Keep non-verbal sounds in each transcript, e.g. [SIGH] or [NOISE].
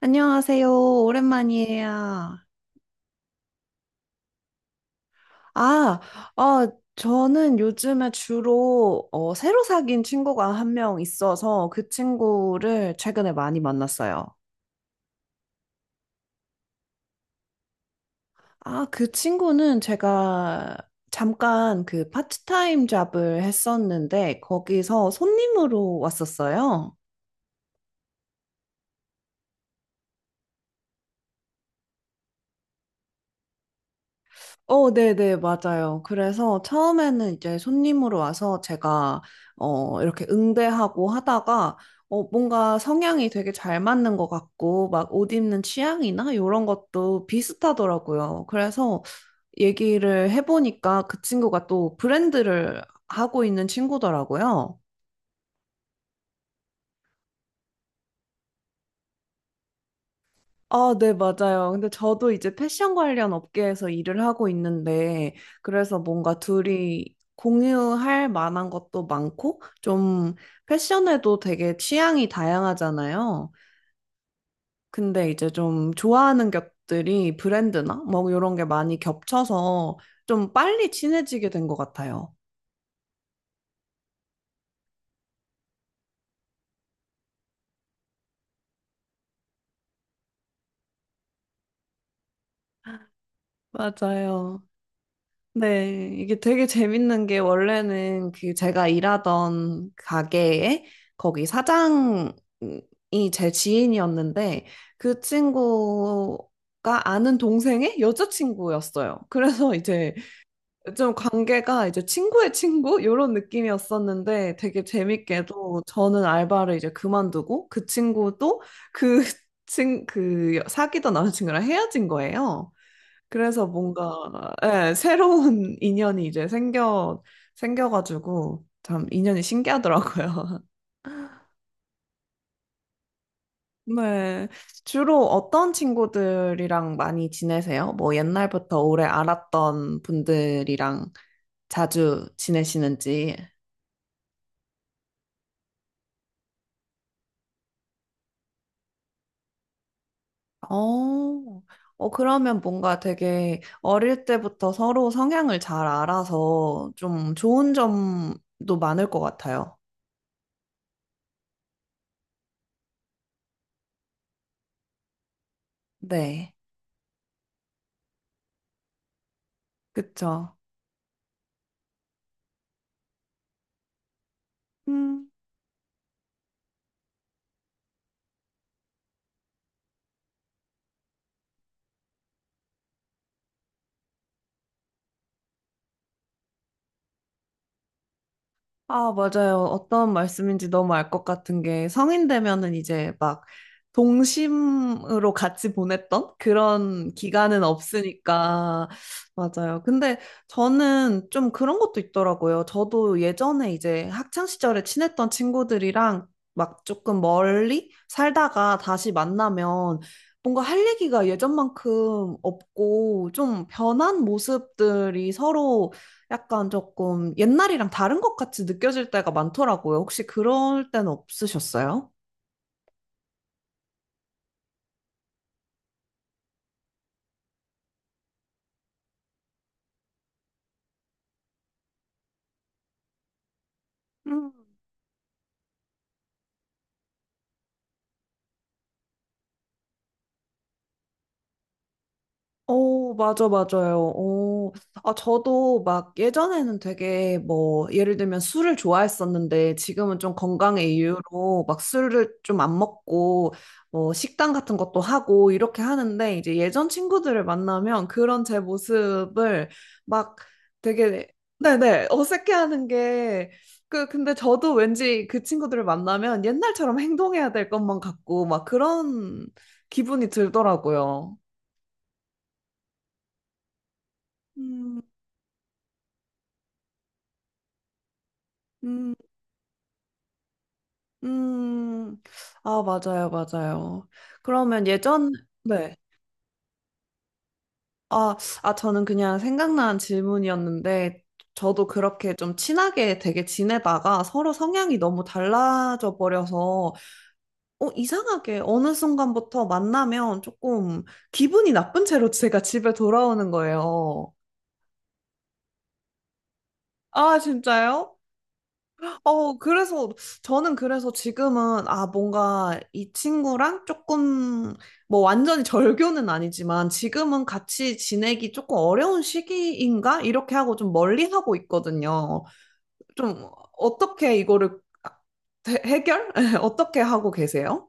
안녕하세요. 오랜만이에요. 아, 저는 요즘에 주로 새로 사귄 친구가 한 명 있어서 그 친구를 최근에 많이 만났어요. 아, 그 친구는 제가 잠깐 그 파트타임 잡을 했었는데 거기서 손님으로 왔었어요. 네네, 맞아요. 그래서 처음에는 이제 손님으로 와서 제가, 이렇게 응대하고 하다가, 뭔가 성향이 되게 잘 맞는 것 같고, 막 옷 입는 취향이나 이런 것도 비슷하더라고요. 그래서 얘기를 해보니까 그 친구가 또 브랜드를 하고 있는 친구더라고요. 아, 네, 맞아요. 근데 저도 이제 패션 관련 업계에서 일을 하고 있는데, 그래서 뭔가 둘이 공유할 만한 것도 많고, 좀 패션에도 되게 취향이 다양하잖아요. 근데 이제 좀 좋아하는 것들이 브랜드나 뭐 이런 게 많이 겹쳐서 좀 빨리 친해지게 된 것 같아요. 맞아요. 네, 이게 되게 재밌는 게 원래는 그 제가 일하던 가게에 거기 사장이 제 지인이었는데 그 친구가 아는 동생의 여자친구였어요. 그래서 이제 좀 관계가 이제 친구의 친구 이런 느낌이었었는데 되게 재밌게도 저는 알바를 이제 그만두고 그 친구도 그 [LAUGHS] 그 사귀던 남자친구랑 헤어진 거예요. 그래서 뭔가 예, 새로운 [LAUGHS] 인연이 이제 생겨가지고 참 인연이 신기하더라고요. [LAUGHS] 네. 주로 어떤 친구들이랑 많이 지내세요? 뭐 옛날부터 오래 알았던 분들이랑 자주 지내시는지. 어, 그러면 뭔가 되게 어릴 때부터 서로 성향을 잘 알아서 좀 좋은 점도 많을 것 같아요. 네. 그쵸. 음. 아, 맞아요. 어떤 말씀인지 너무 알 것 같은 게 성인 되면은 이제 막 동심으로 같이 보냈던 그런 기간은 없으니까 맞아요. 근데 저는 좀 그런 것도 있더라고요. 저도 예전에 이제 학창 시절에 친했던 친구들이랑 막 조금 멀리 살다가 다시 만나면 뭔가 할 얘기가 예전만큼 없고 좀 변한 모습들이 서로 약간 조금 옛날이랑 다른 것 같이 느껴질 때가 많더라고요. 혹시 그럴 때는 없으셨어요? 맞아, 맞아요. 저도 막 예전에는 되게 뭐, 예를 들면 술을 좋아했었는데 지금은 좀 건강의 이유로 막 술을 좀 안 먹고 뭐 식단 같은 것도 하고 이렇게 하는데 이제 예전 친구들을 만나면 그런 제 모습을 막 되게, 네네, 어색해하는 게 근데 저도 왠지 그 친구들을 만나면 옛날처럼 행동해야 될 것만 같고 막 그런 기분이 들더라고요. 음, 음, 음, 아, 맞아요, 맞아요. 그러면 예전, 네. 아, 저는 그냥 생각난 질문이었는데, 저도 그렇게 좀 친하게 되게 지내다가 서로 성향이 너무 달라져 버려서, 이상하게 어느 순간부터 만나면 조금 기분이 나쁜 채로 제가 집에 돌아오는 거예요. 아, 진짜요? 어, 그래서, 저는 그래서 지금은, 아, 뭔가 이 친구랑 조금, 뭐 완전히 절교는 아니지만, 지금은 같이 지내기 조금 어려운 시기인가? 이렇게 하고 좀 멀리 하고 있거든요. 좀, 어떻게 이거를 해결? [LAUGHS] 어떻게 하고 계세요?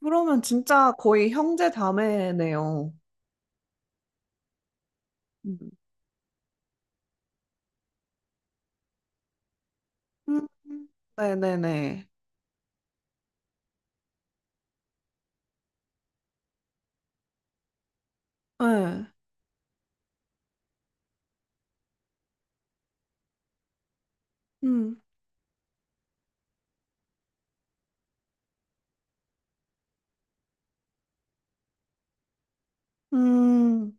그러면 진짜 거의 형제 자매네요. 음. 음, 네네네. 네. 음, 음.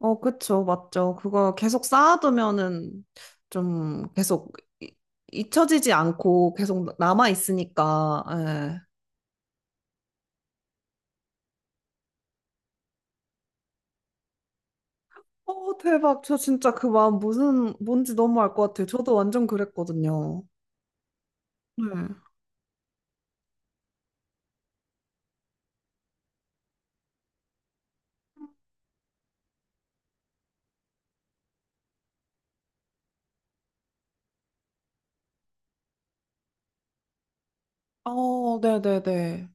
어, 그쵸, 맞죠. 그거 계속 쌓아두면은 좀 계속 이- 잊혀지지 않고 계속 남아 있으니까. 예. 어, 대박. 저 진짜 그 마음 무슨 뭔지 너무 알 것 같아요. 저도 완전 그랬거든요. 네. 어, 네네네.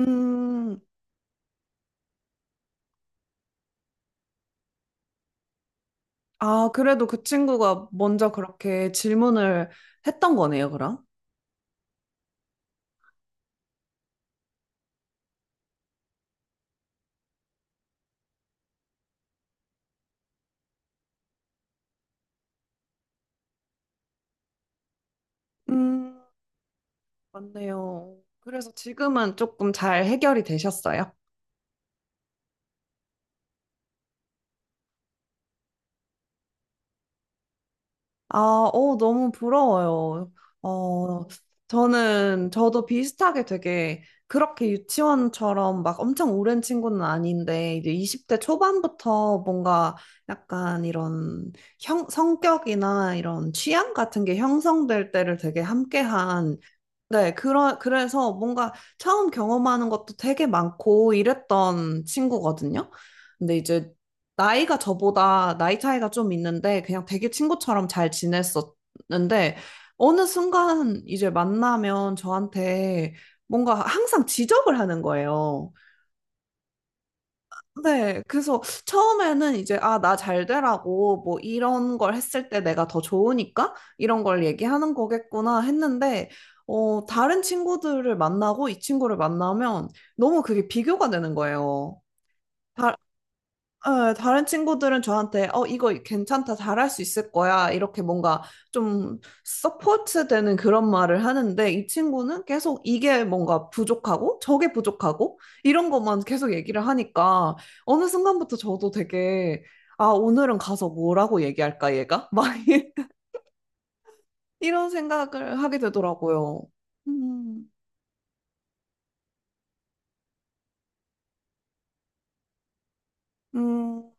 음, 아, 그래도 그 친구가 먼저 그렇게 질문을 했던 거네요, 그럼? 음. 맞네요. 그래서 지금은 조금 잘 해결이 되셨어요? 아, 어, 너무 부러워요. 어, 저도 비슷하게 되게 그렇게 유치원처럼 막 엄청 오랜 친구는 아닌데, 이제 20대 초반부터 뭔가 약간 이런 성격이나 이런 취향 같은 게 형성될 때를 되게 함께한 네, 그래서 뭔가 처음 경험하는 것도 되게 많고 이랬던 친구거든요. 근데 이제 나이가 저보다 나이 차이가 좀 있는데 그냥 되게 친구처럼 잘 지냈었는데 어느 순간 이제 만나면 저한테 뭔가 항상 지적을 하는 거예요. 네, 그래서 처음에는 이제, 아, 나 잘 되라고, 뭐, 이런 걸 했을 때 내가 더 좋으니까, 이런 걸 얘기하는 거겠구나 했는데, 어, 다른 친구들을 만나고 이 친구를 만나면 너무 그게 비교가 되는 거예요. 다- 네, 다른 친구들은 저한테 어 이거 괜찮다 잘할 수 있을 거야 이렇게 뭔가 좀 서포트 되는 그런 말을 하는데 이 친구는 계속 이게 뭔가 부족하고 저게 부족하고 이런 것만 계속 얘기를 하니까 어느 순간부터 저도 되게 아 오늘은 가서 뭐라고 얘기할까 얘가 [LAUGHS] 막 이런 생각을 하게 되더라고요. 음, 음,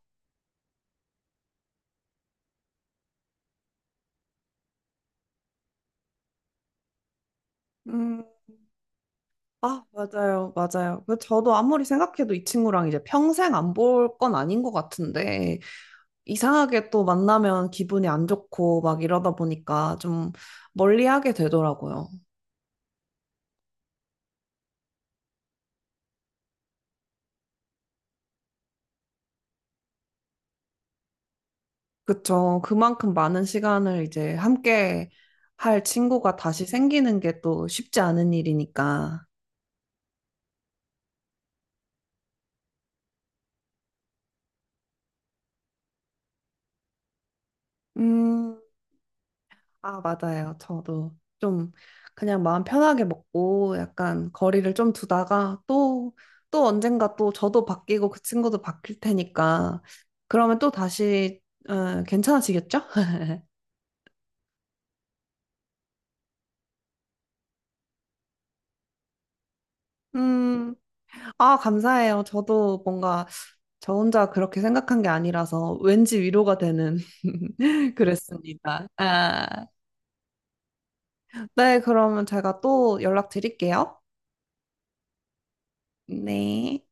음. 아, 맞아요, 맞아요. 그 저도 아무리 생각해도 이 친구랑 이제 평생 안 볼 건 아닌 것 같은데, 이상하게 또 만나면 기분이 안 좋고 막 이러다 보니까 좀 멀리하게 되더라고요. 그쵸. 그만큼 많은 시간을 이제 함께 할 친구가 다시 생기는 게 또 쉽지 않은 일이니까. 음, 아, 맞아요. 저도 좀 그냥 마음 편하게 먹고 약간 거리를 좀 두다가 또, 또 언젠가 또 저도 바뀌고 그 친구도 바뀔 테니까 그러면 또 다시 어, 괜찮아지겠죠? [LAUGHS] 음, 아, 감사해요. 저도 뭔가 저 혼자 그렇게 생각한 게 아니라서 왠지 위로가 되는 [LAUGHS] 그랬습니다. 아, 네, 그러면 제가 또 연락드릴게요. 네.